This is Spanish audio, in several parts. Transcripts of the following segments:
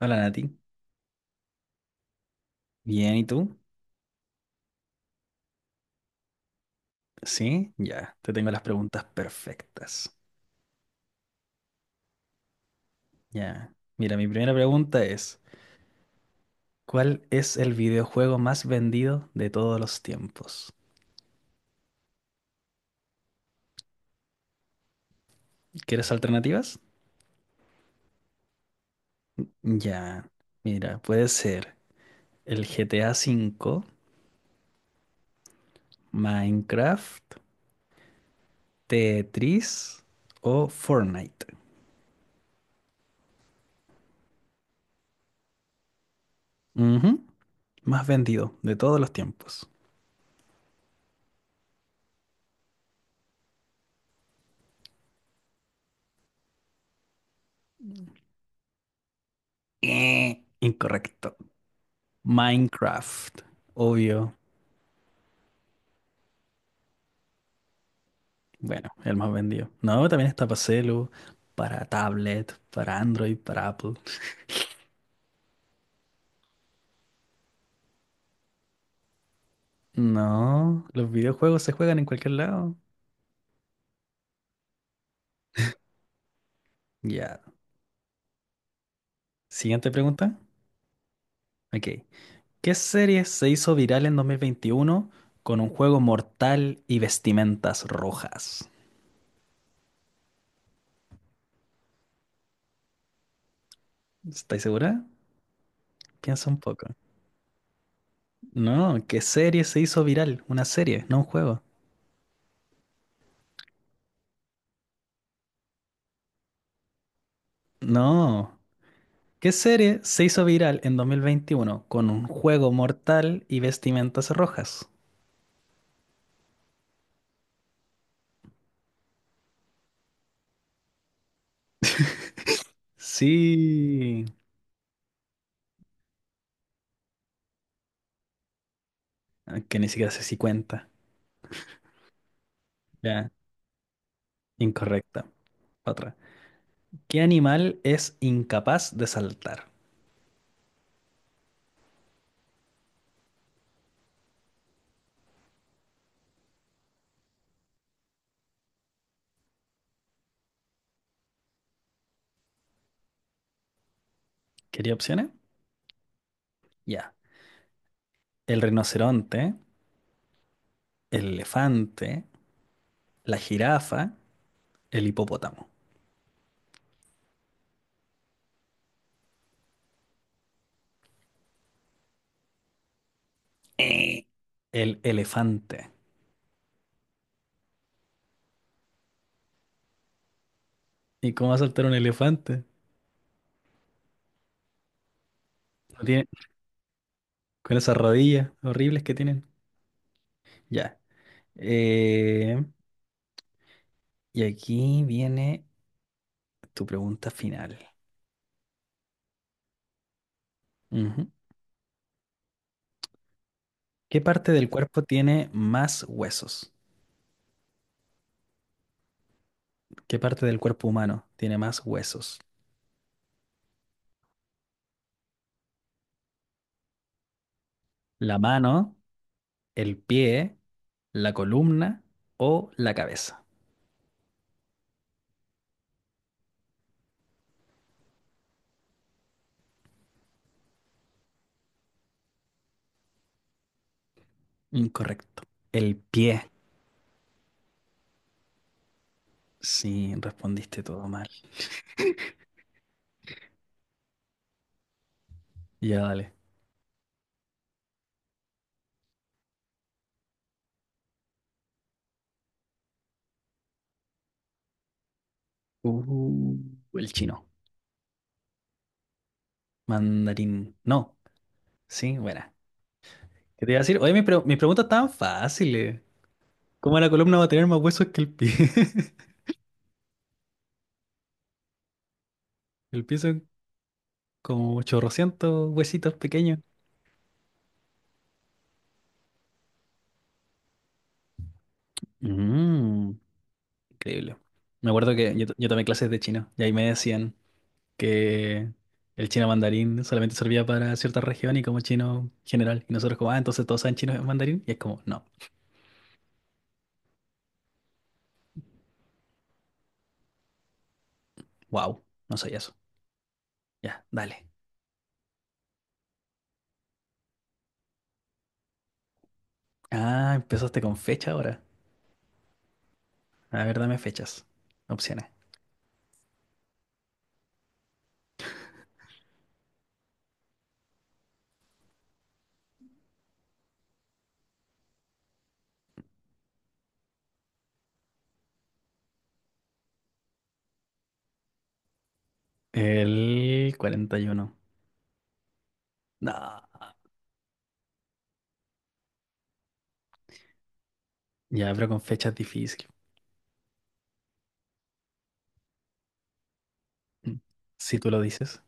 Hola Nati, bien, ¿y tú? Sí, ya, te tengo las preguntas perfectas. Ya, mira, mi primera pregunta es, ¿cuál es el videojuego más vendido de todos los tiempos? ¿Quieres alternativas? Ya, mira, puede ser el GTA V, Minecraft, Tetris o Fortnite. Ujú, más vendido de todos los tiempos. Incorrecto. Minecraft, obvio. Bueno, el más vendido. No, también está para celu, para tablet, para Android, para Apple. No, los videojuegos se juegan en cualquier lado. Ya. Siguiente pregunta. Ok. ¿Qué serie se hizo viral en 2021 con un juego mortal y vestimentas rojas? ¿Estáis segura? Piensa un poco. No, ¿qué serie se hizo viral? Una serie, no un juego. No. ¿Qué serie se hizo viral en 2021 con un juego mortal y vestimentas rojas? Sí, ah, que ni siquiera sé si cuenta. Ya, incorrecta. Otra. ¿Qué animal es incapaz de saltar? ¿Quería opciones? Ya. El rinoceronte, el elefante, la jirafa, el hipopótamo. Eh. El elefante. ¿Y cómo va a saltar un elefante? No tiene- con esas rodillas horribles que tienen. Ya. Eh, y aquí viene tu pregunta final. Ujú. ¿Qué parte del cuerpo tiene más huesos? ¿Qué parte del cuerpo humano tiene más huesos? ¿La mano, el pie, la columna o la cabeza? Incorrecto. El pie. Sí, respondiste todo mal. Ya, dale. Uh, el chino. Mandarín. No. Sí, buena. ¿Qué te iba a decir? Oye, mis preguntas estaban fáciles. ¿Cómo la columna va a tener más huesos que el pie? El pie son como 800 huesitos pequeños. Mm. Increíble. Me acuerdo que yo tomé clases de chino y ahí me decían que el chino mandarín solamente servía para cierta región y como chino general. Y nosotros como, ah, entonces todos saben chino mandarín. Y es como, no, wow, no soy eso. Ya, dale. Ah, empezaste con fecha ahora. A ver, dame fechas. Opciones. El 41. No. Ya, pero con fechas difícil. Mm. Si tú lo dices.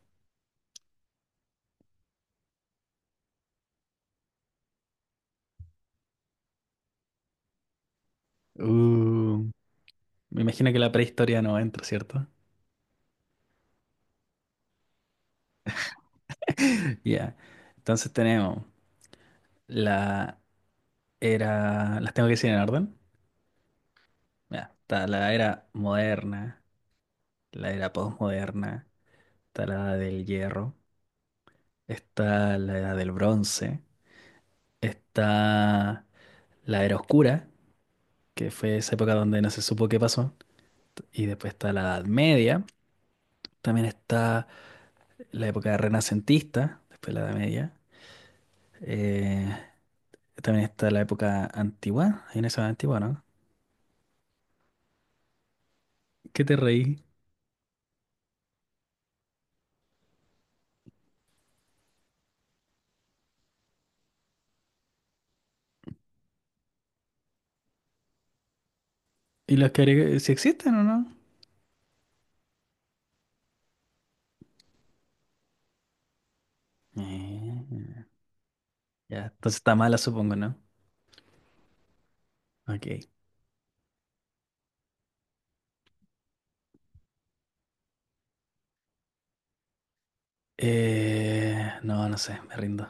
Uh, me imagino que la prehistoria no entra, ¿cierto? Ya. Entonces tenemos. La era. Las tengo que decir en orden. Mira, está la era moderna, la era posmoderna, está la edad del hierro, está la edad del bronce, está la era oscura, que fue esa época donde no se supo qué pasó, y después está la edad media, también está la época renacentista, después la edad media, eh, también está la época antigua, hay una edad antigua, ¿no? ¿Qué te reí? ¿Y las que agregué, si existen o no? Eh. Ya, entonces está mala, supongo, ¿no? Ok. No, no sé, me rindo.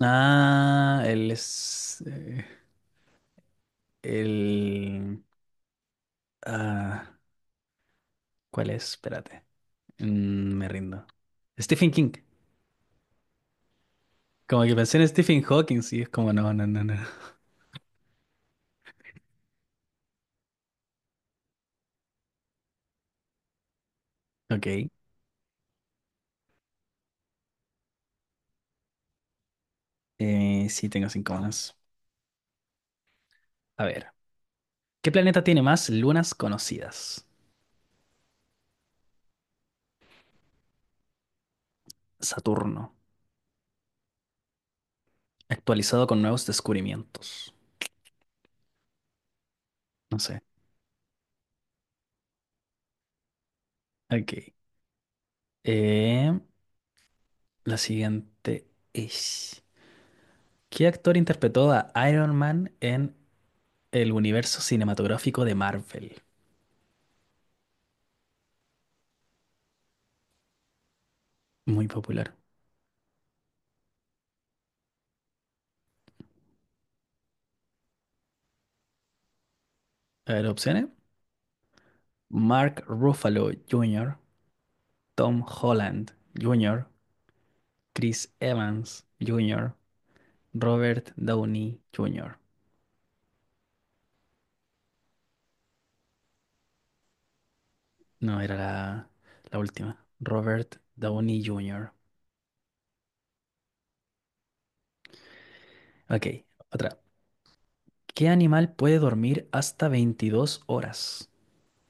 Ah, él es, el... Ah, ¿cuál es? Espérate. Me rindo. Stephen King. Como que pensé en Stephen Hawking, sí, es como no, no, no, no. Ok. Sí, tengo cinco más. A ver. ¿Qué planeta tiene más lunas conocidas? Saturno. Actualizado con nuevos descubrimientos. No sé. Ok. Em, La siguiente es: ¿qué actor interpretó a Iron Man en el universo cinematográfico de Marvel? Muy popular. A ver, opciones. Mark Ruffalo Jr., Tom Holland Jr., Chris Evans Jr., Robert Downey Jr. No, era la última. Robert Downey Jr. Ok, otra. ¿Qué animal puede dormir hasta 22 horas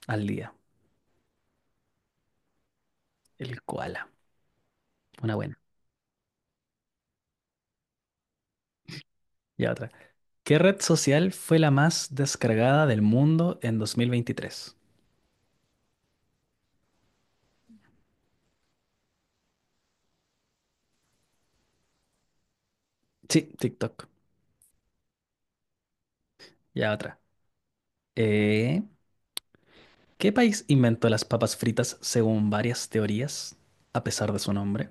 al día? El koala. Una buena. Ya otra. ¿Qué red social fue la más descargada del mundo en 2023? Sí, TikTok. Ya otra. Eh, ¿Qué país inventó las papas fritas según varias teorías, a pesar de su nombre?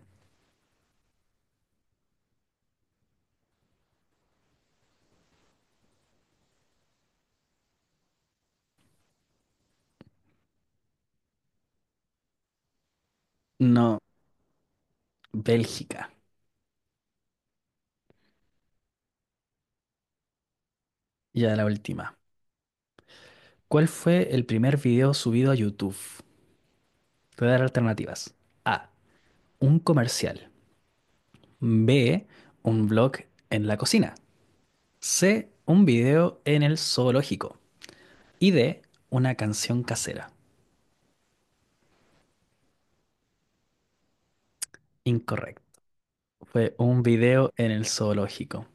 No, Bélgica. Ya la última. ¿Cuál fue el primer video subido a YouTube? Te voy a dar alternativas. A. Un comercial. B. Un blog en la cocina. C. Un video en el zoológico. Y D. Una canción casera. Incorrecto. Fue un video en el zoológico,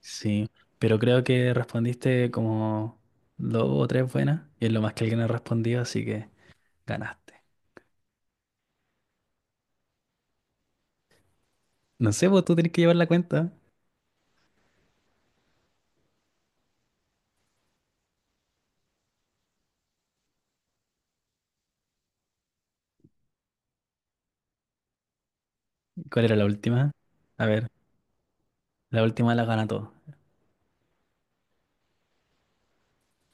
sí. Pero creo que respondiste como dos o tres buenas, y es lo más que alguien ha respondido, así que ganaste. No sé, vos tú tenés que llevar la cuenta. ¿Cuál era la última? A ver, la última la gana todo.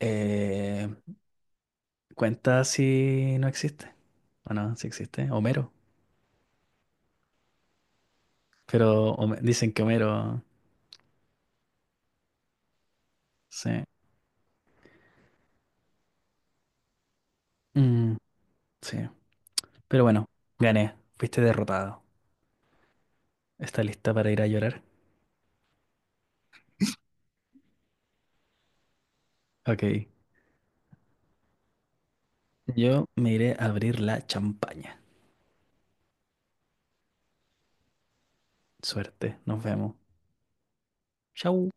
Eh, cuenta si no existe. O no, si existe. Homero. Pero dicen que Homero. Sí. Mm, sí. Pero bueno, gané. Fuiste derrotado. ¿Está lista para ir a llorar? Ok. Yo me iré a abrir la champaña. Suerte, nos vemos. Chau.